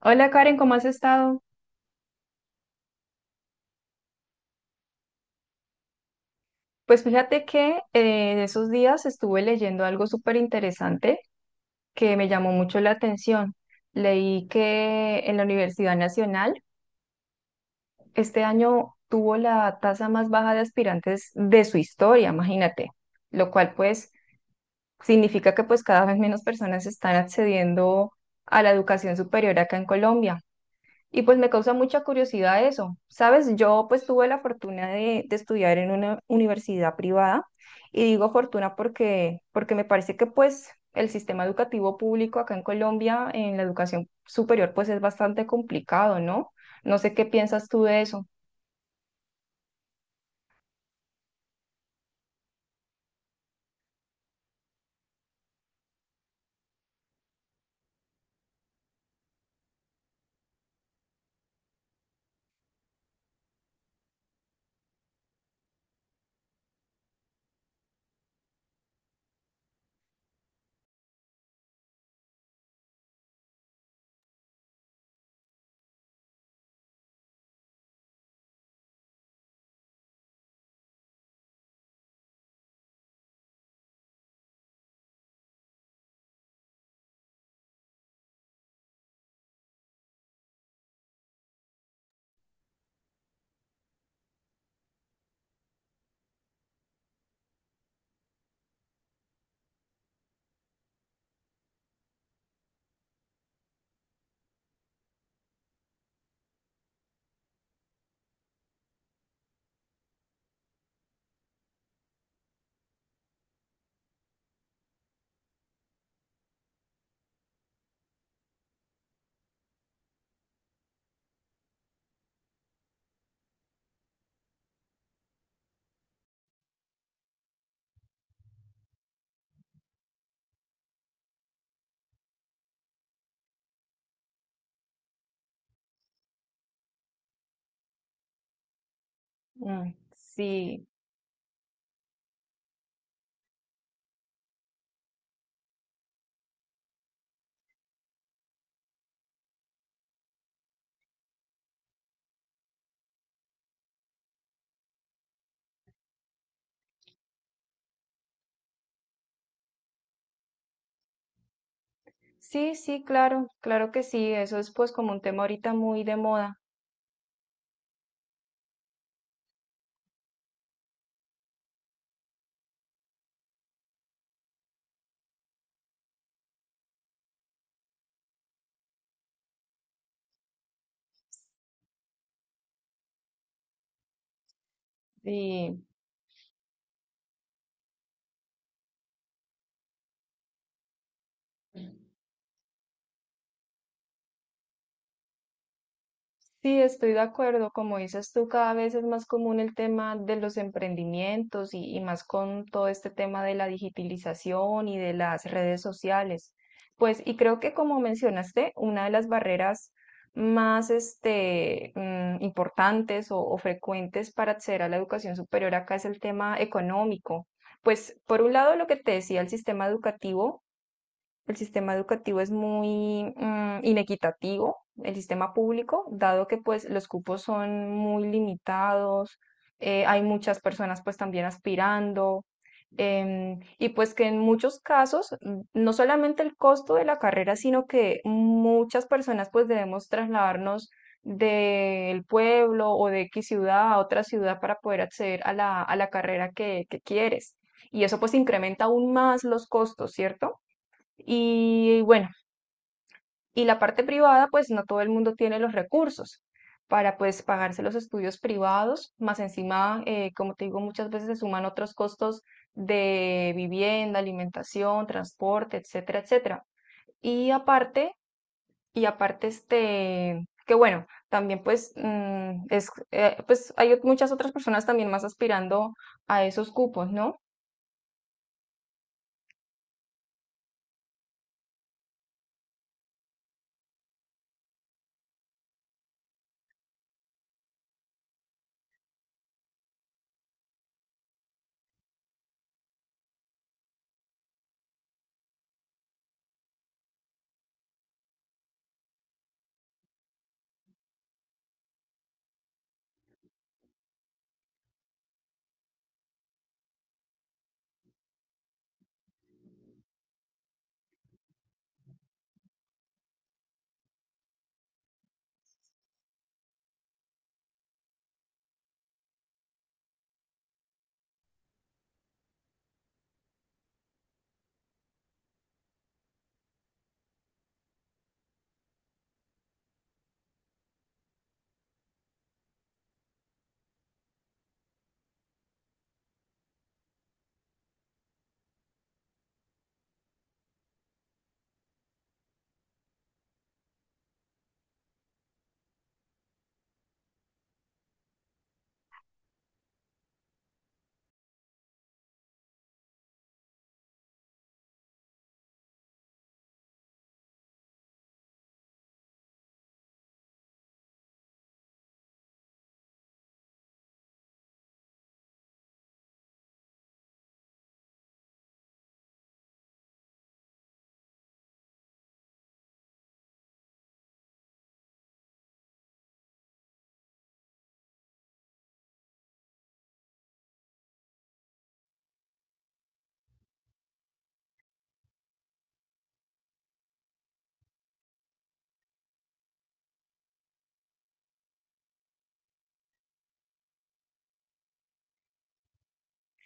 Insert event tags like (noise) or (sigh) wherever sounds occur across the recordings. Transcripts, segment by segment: Hola Karen, ¿cómo has estado? Pues fíjate que en esos días estuve leyendo algo súper interesante que me llamó mucho la atención. Leí que en la Universidad Nacional este año tuvo la tasa más baja de aspirantes de su historia, imagínate, lo cual pues significa que pues cada vez menos personas están accediendo a la educación superior acá en Colombia. Y pues me causa mucha curiosidad eso. Sabes, yo pues tuve la fortuna de estudiar en una universidad privada y digo fortuna porque me parece que pues el sistema educativo público acá en Colombia en la educación superior pues es bastante complicado, ¿no? No sé qué piensas tú de eso. Mm, sí, sí, sí, claro, claro que sí. Eso es pues como un tema ahorita muy de moda. Y sí, estoy de acuerdo. Como dices tú, cada vez es más común el tema de los emprendimientos y más con todo este tema de la digitalización y de las redes sociales. Pues, y creo que como mencionaste, una de las barreras más este, importantes o frecuentes para acceder a la educación superior acá es el tema económico. Pues, por un lado, lo que te decía, el sistema educativo. El sistema educativo es muy inequitativo, el sistema público, dado que pues los cupos son muy limitados, hay muchas personas pues también aspirando, y pues que en muchos casos, no solamente el costo de la carrera, sino que muchas personas pues debemos trasladarnos del pueblo o de X ciudad a otra ciudad para poder acceder a la carrera que quieres. Y eso pues incrementa aún más los costos, ¿cierto? Y bueno, y la parte privada, pues no todo el mundo tiene los recursos para pues pagarse los estudios privados, más encima, como te digo, muchas veces se suman otros costos de vivienda, alimentación, transporte, etcétera, etcétera. Y aparte, y aparte este, que bueno, también pues pues hay muchas otras personas también más aspirando a esos cupos, ¿no?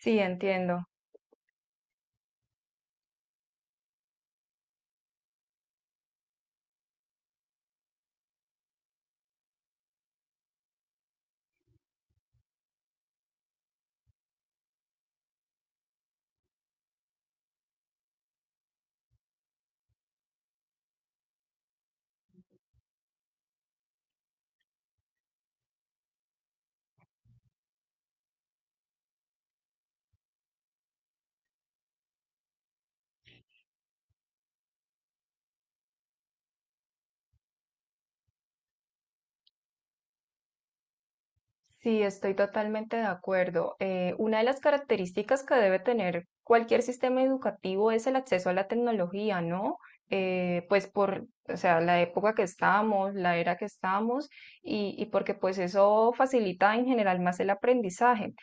Sí, entiendo. Sí, estoy totalmente de acuerdo. Una de las características que debe tener cualquier sistema educativo es el acceso a la tecnología, ¿no? Pues por, o sea, la época que estamos, la era que estamos, y porque pues eso facilita en general más el aprendizaje.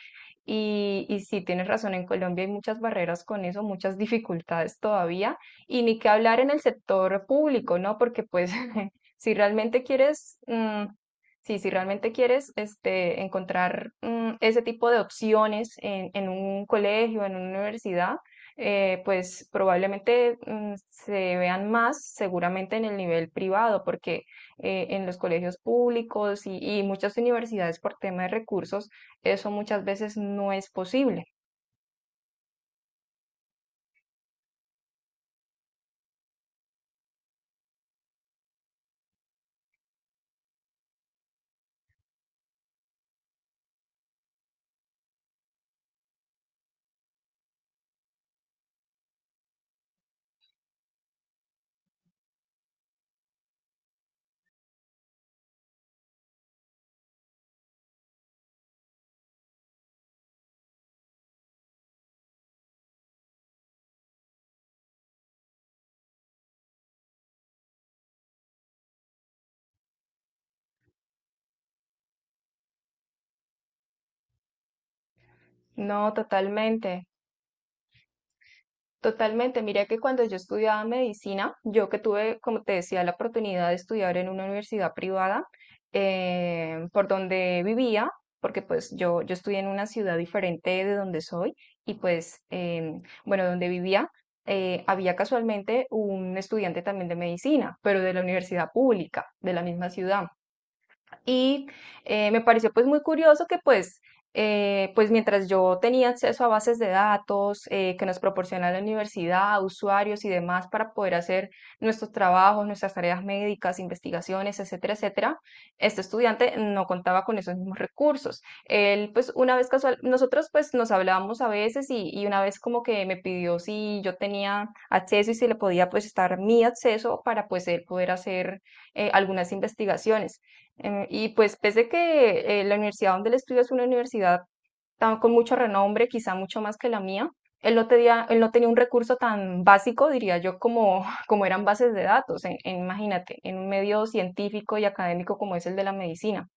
Y sí, tienes razón, en Colombia hay muchas barreras con eso, muchas dificultades todavía, y ni que hablar en el sector público, ¿no? Porque pues (laughs) si realmente quieres, mm, sí, si realmente quieres este, encontrar ese tipo de opciones en un colegio, en una universidad, pues probablemente se vean más seguramente en el nivel privado, porque en los colegios públicos y muchas universidades por tema de recursos, eso muchas veces no es posible. No, totalmente, totalmente. Mira que cuando yo estudiaba medicina, yo que tuve, como te decía, la oportunidad de estudiar en una universidad privada, por donde vivía, porque pues yo estudié en una ciudad diferente de donde soy y pues, bueno, donde vivía, había casualmente un estudiante también de medicina, pero de la universidad pública, de la misma ciudad. Y me pareció pues muy curioso que pues, pues mientras yo tenía acceso a bases de datos que nos proporciona la universidad, usuarios y demás para poder hacer nuestros trabajos, nuestras tareas médicas, investigaciones, etcétera, etcétera, este estudiante no contaba con esos mismos recursos. Él pues una vez casual, nosotros pues nos hablábamos a veces y una vez como que me pidió si yo tenía acceso y si le podía pues estar mi acceso para pues él poder hacer algunas investigaciones. Y pues pese que la universidad donde él estudia es una universidad tan, con mucho renombre, quizá mucho más que la mía, él no tenía un recurso tan básico, diría yo, como, (laughs) como eran bases de datos, imagínate, en un medio científico y académico como es el de la medicina.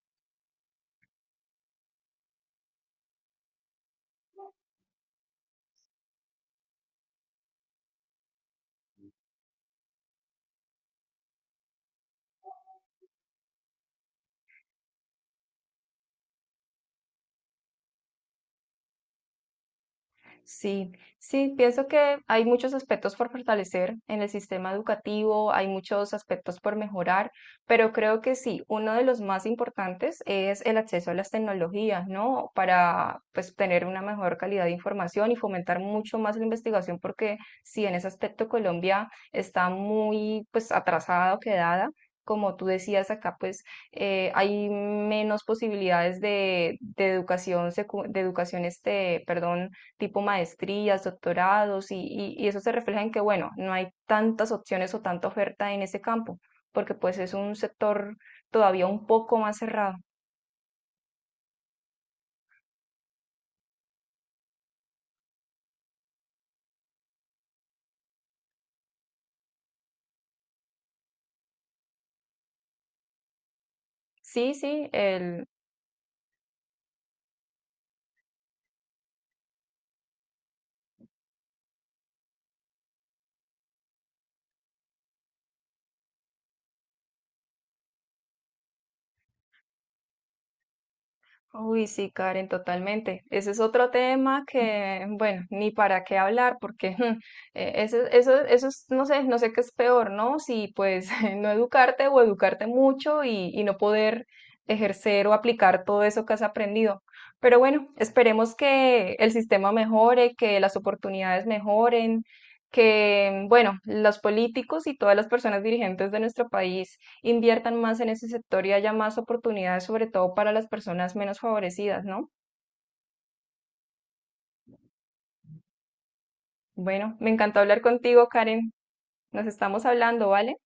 Sí, sí, pienso que hay muchos aspectos por fortalecer en el sistema educativo, hay muchos aspectos por mejorar, pero creo que sí, uno de los más importantes es el acceso a las tecnologías, ¿no? Para pues tener una mejor calidad de información y fomentar mucho más la investigación, porque sí, en ese aspecto Colombia está muy pues atrasada o quedada. Como tú decías acá, pues hay menos posibilidades de educación, este, perdón tipo maestrías, doctorados, y eso se refleja en que, bueno, no hay tantas opciones o tanta oferta en ese campo, porque pues es un sector todavía un poco más cerrado. Sí, sí, uy, sí, Karen, totalmente. Ese es otro tema que, bueno, ni para qué hablar, porque (laughs) eso es, no sé, no sé qué es peor, ¿no? Si pues (laughs) no educarte o educarte mucho y no poder ejercer o aplicar todo eso que has aprendido. Pero bueno, esperemos que el sistema mejore, que las oportunidades mejoren, que, bueno, los políticos y todas las personas dirigentes de nuestro país inviertan más en ese sector y haya más oportunidades, sobre todo para las personas menos favorecidas, ¿no? Bueno, me encantó hablar contigo, Karen. Nos estamos hablando, ¿vale?